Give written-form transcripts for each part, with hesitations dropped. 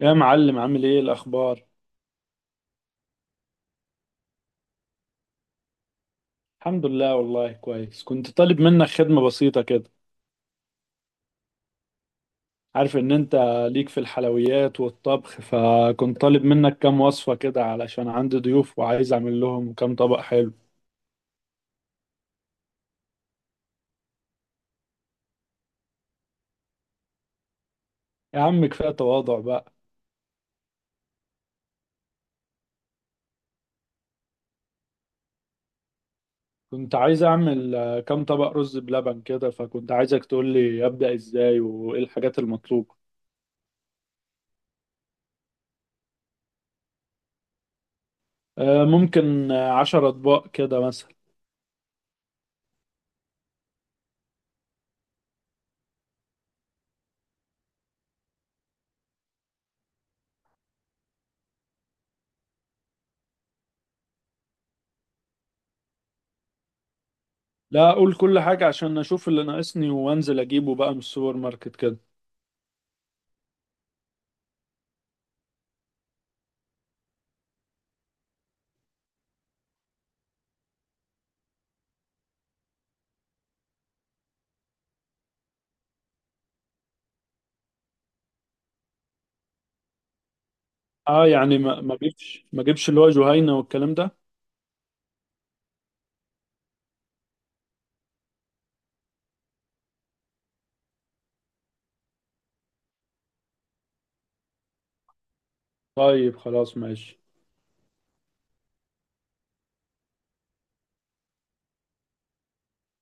يا معلم عامل ايه الاخبار؟ الحمد لله والله كويس. كنت طالب منك خدمة بسيطة كده. عارف ان انت ليك في الحلويات والطبخ، فكنت طالب منك كام وصفة كده علشان عندي ضيوف وعايز اعمل لهم كام طبق حلو. يا عم كفاية تواضع بقى. كنت عايز اعمل كام طبق رز بلبن كده، فكنت عايزك تقول لي ابدأ ازاي وايه الحاجات المطلوبة. ممكن 10 اطباق كده مثلا. لا، اقول كل حاجة عشان اشوف اللي ناقصني وانزل اجيبه بقى من السوبر ماركت كده. اه يعني ما جبش اللي هو جهينة والكلام ده. طيب خلاص ماشي.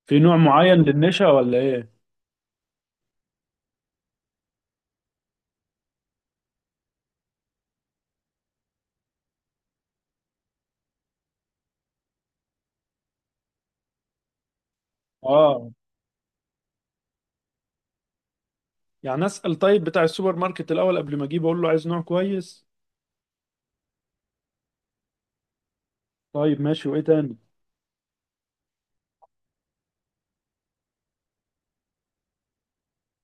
في نوع معين للنشا ولا ايه؟ اه يعني اسأل طيب بتاع السوبر ماركت الاول قبل ما اجيب، اقول له عايز نوع كويس. طيب ماشي، وايه تاني؟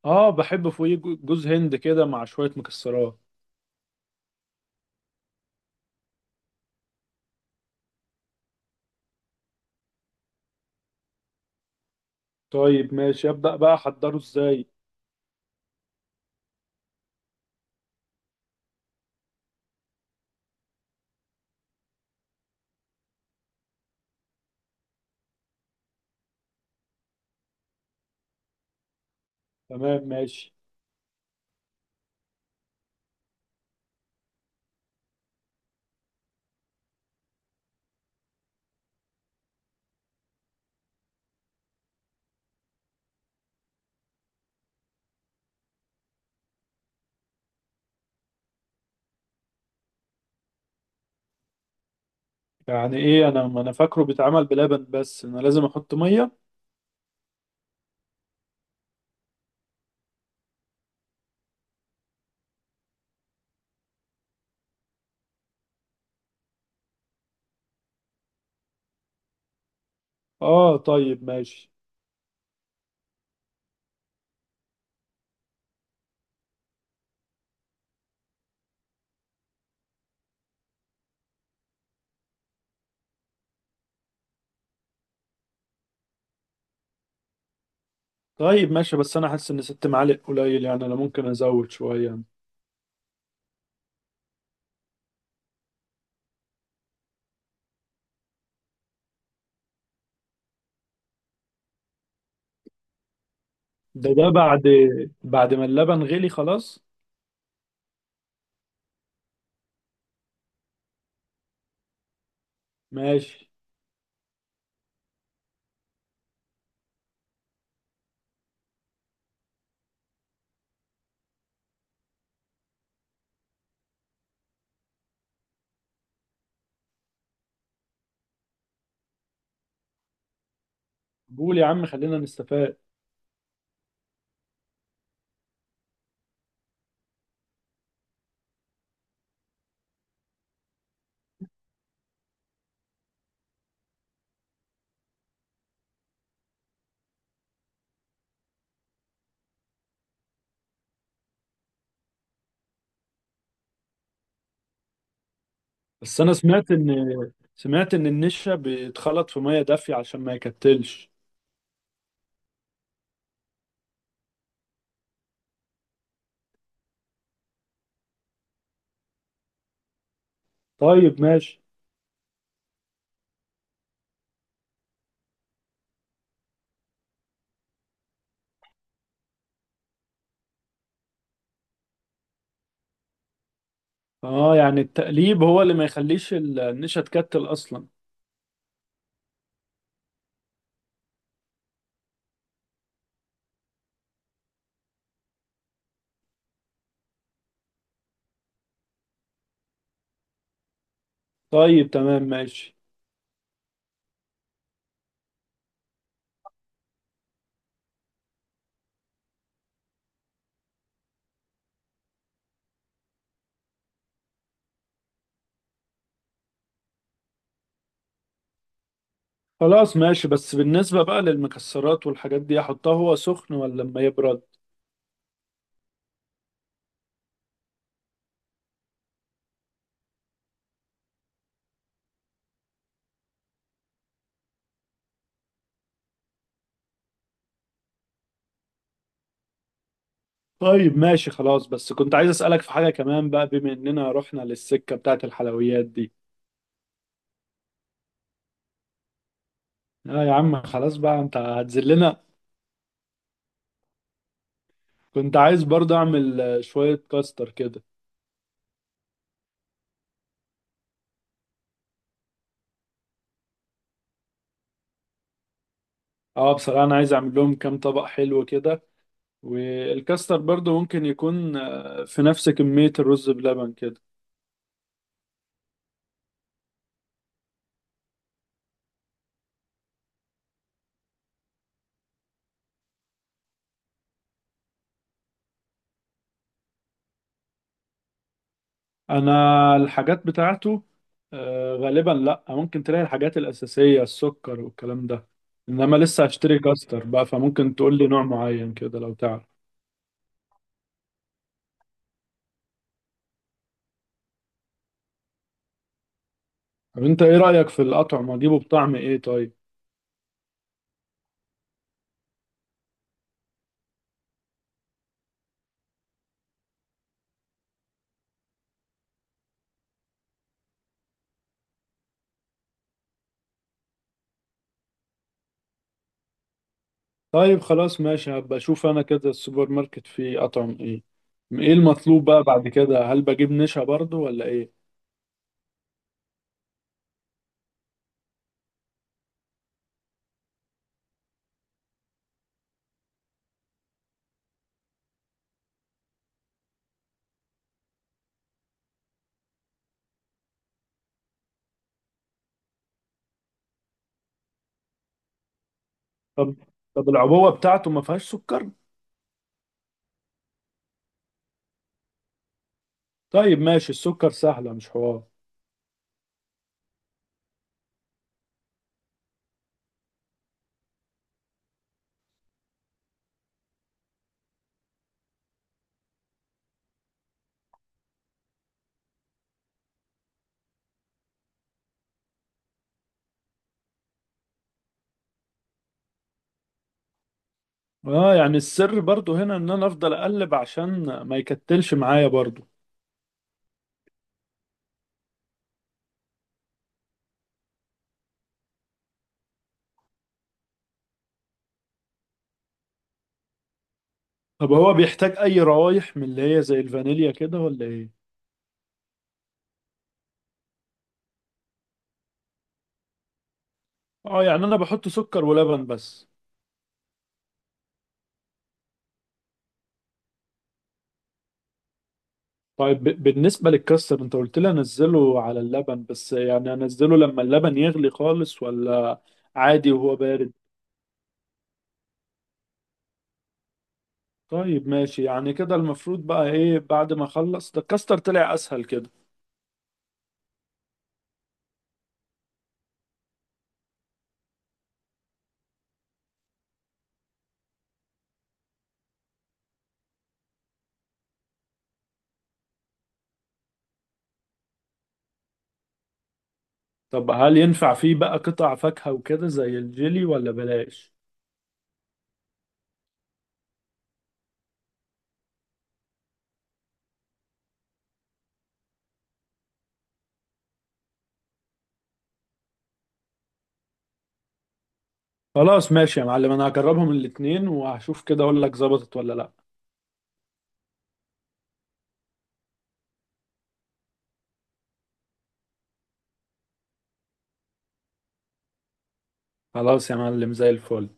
اه بحب فوقيه جوز هند كده مع شوية مكسرات. طيب ماشي، ابدأ بقى احضره ازاي؟ تمام ماشي. يعني ايه انا، ما انا فاكره بيتعمل بلبن، بس انا لازم احط مية؟ اه طيب ماشي. طيب ماشي، بس انا حاسس ان 6 معالق قليل، يعني انا ممكن ازود شوية. ده بعد بعد ما اللبن غلي خلاص؟ ماشي. قول يا عم خلينا نستفاد. بس انا سمعت ان النشا بيتخلط في ميه دافيه عشان ما يكتلش. طيب ماشي. اه يعني التقليب هو اللي ما يخليش النشا تكتل اصلا. طيب تمام ماشي. خلاص ماشي، بس بالنسبة بقى للمكسرات والحاجات دي احطها هو سخن ولا لما يبرد؟ طيب ماشي خلاص. بس كنت عايز اسألك في حاجة كمان بقى، بما اننا رحنا للسكة بتاعت الحلويات دي. اه يا عم خلاص بقى، انت هتذلنا. كنت عايز برضه اعمل شوية كاستر كده. اه بصراحة انا عايز اعمل لهم كام طبق حلو كده، والكاستر برضه ممكن يكون في نفس كمية الرز بلبن كده. انا الحاجات بتاعته غالبا لا، ممكن تلاقي الحاجات الأساسية السكر والكلام ده، انما لسه هشتري كاستر بقى، فممكن تقول لي نوع معين كده لو تعرف. طب انت ايه رأيك في الأطعمة، اجيبه بطعم ايه طيب؟ طيب خلاص ماشي، هبقى اشوف انا كده السوبر ماركت فيه اطعم ايه. ايه المطلوب بقى بعد كده، هل بجيب نشا برضو ولا ايه؟ طب طب العبوة بتاعته ما فيهاش سكر؟ طيب ماشي، السكر سهلة مش حوار. اه يعني السر برضو هنا ان انا افضل اقلب عشان ما يكتلش معايا برضو. طب هو بيحتاج اي روايح من اللي هي زي الفانيليا كده ولا ايه؟ اه يعني انا بحط سكر ولبن بس؟ طيب، بالنسبة للكاستر، انت قلت لي انزله على اللبن بس، يعني انزله لما اللبن يغلي خالص ولا عادي وهو بارد؟ طيب ماشي، يعني كده المفروض بقى ايه بعد ما اخلص؟ ده الكاستر طلع اسهل كده. طب هل ينفع فيه بقى قطع فاكهة وكده زي الجيلي، ولا بلاش؟ خلاص ماشي يا معلم، انا هجربهم الاتنين وهشوف كده اقول لك ظبطت ولا لا. خلاص يا معلم، زي الفل.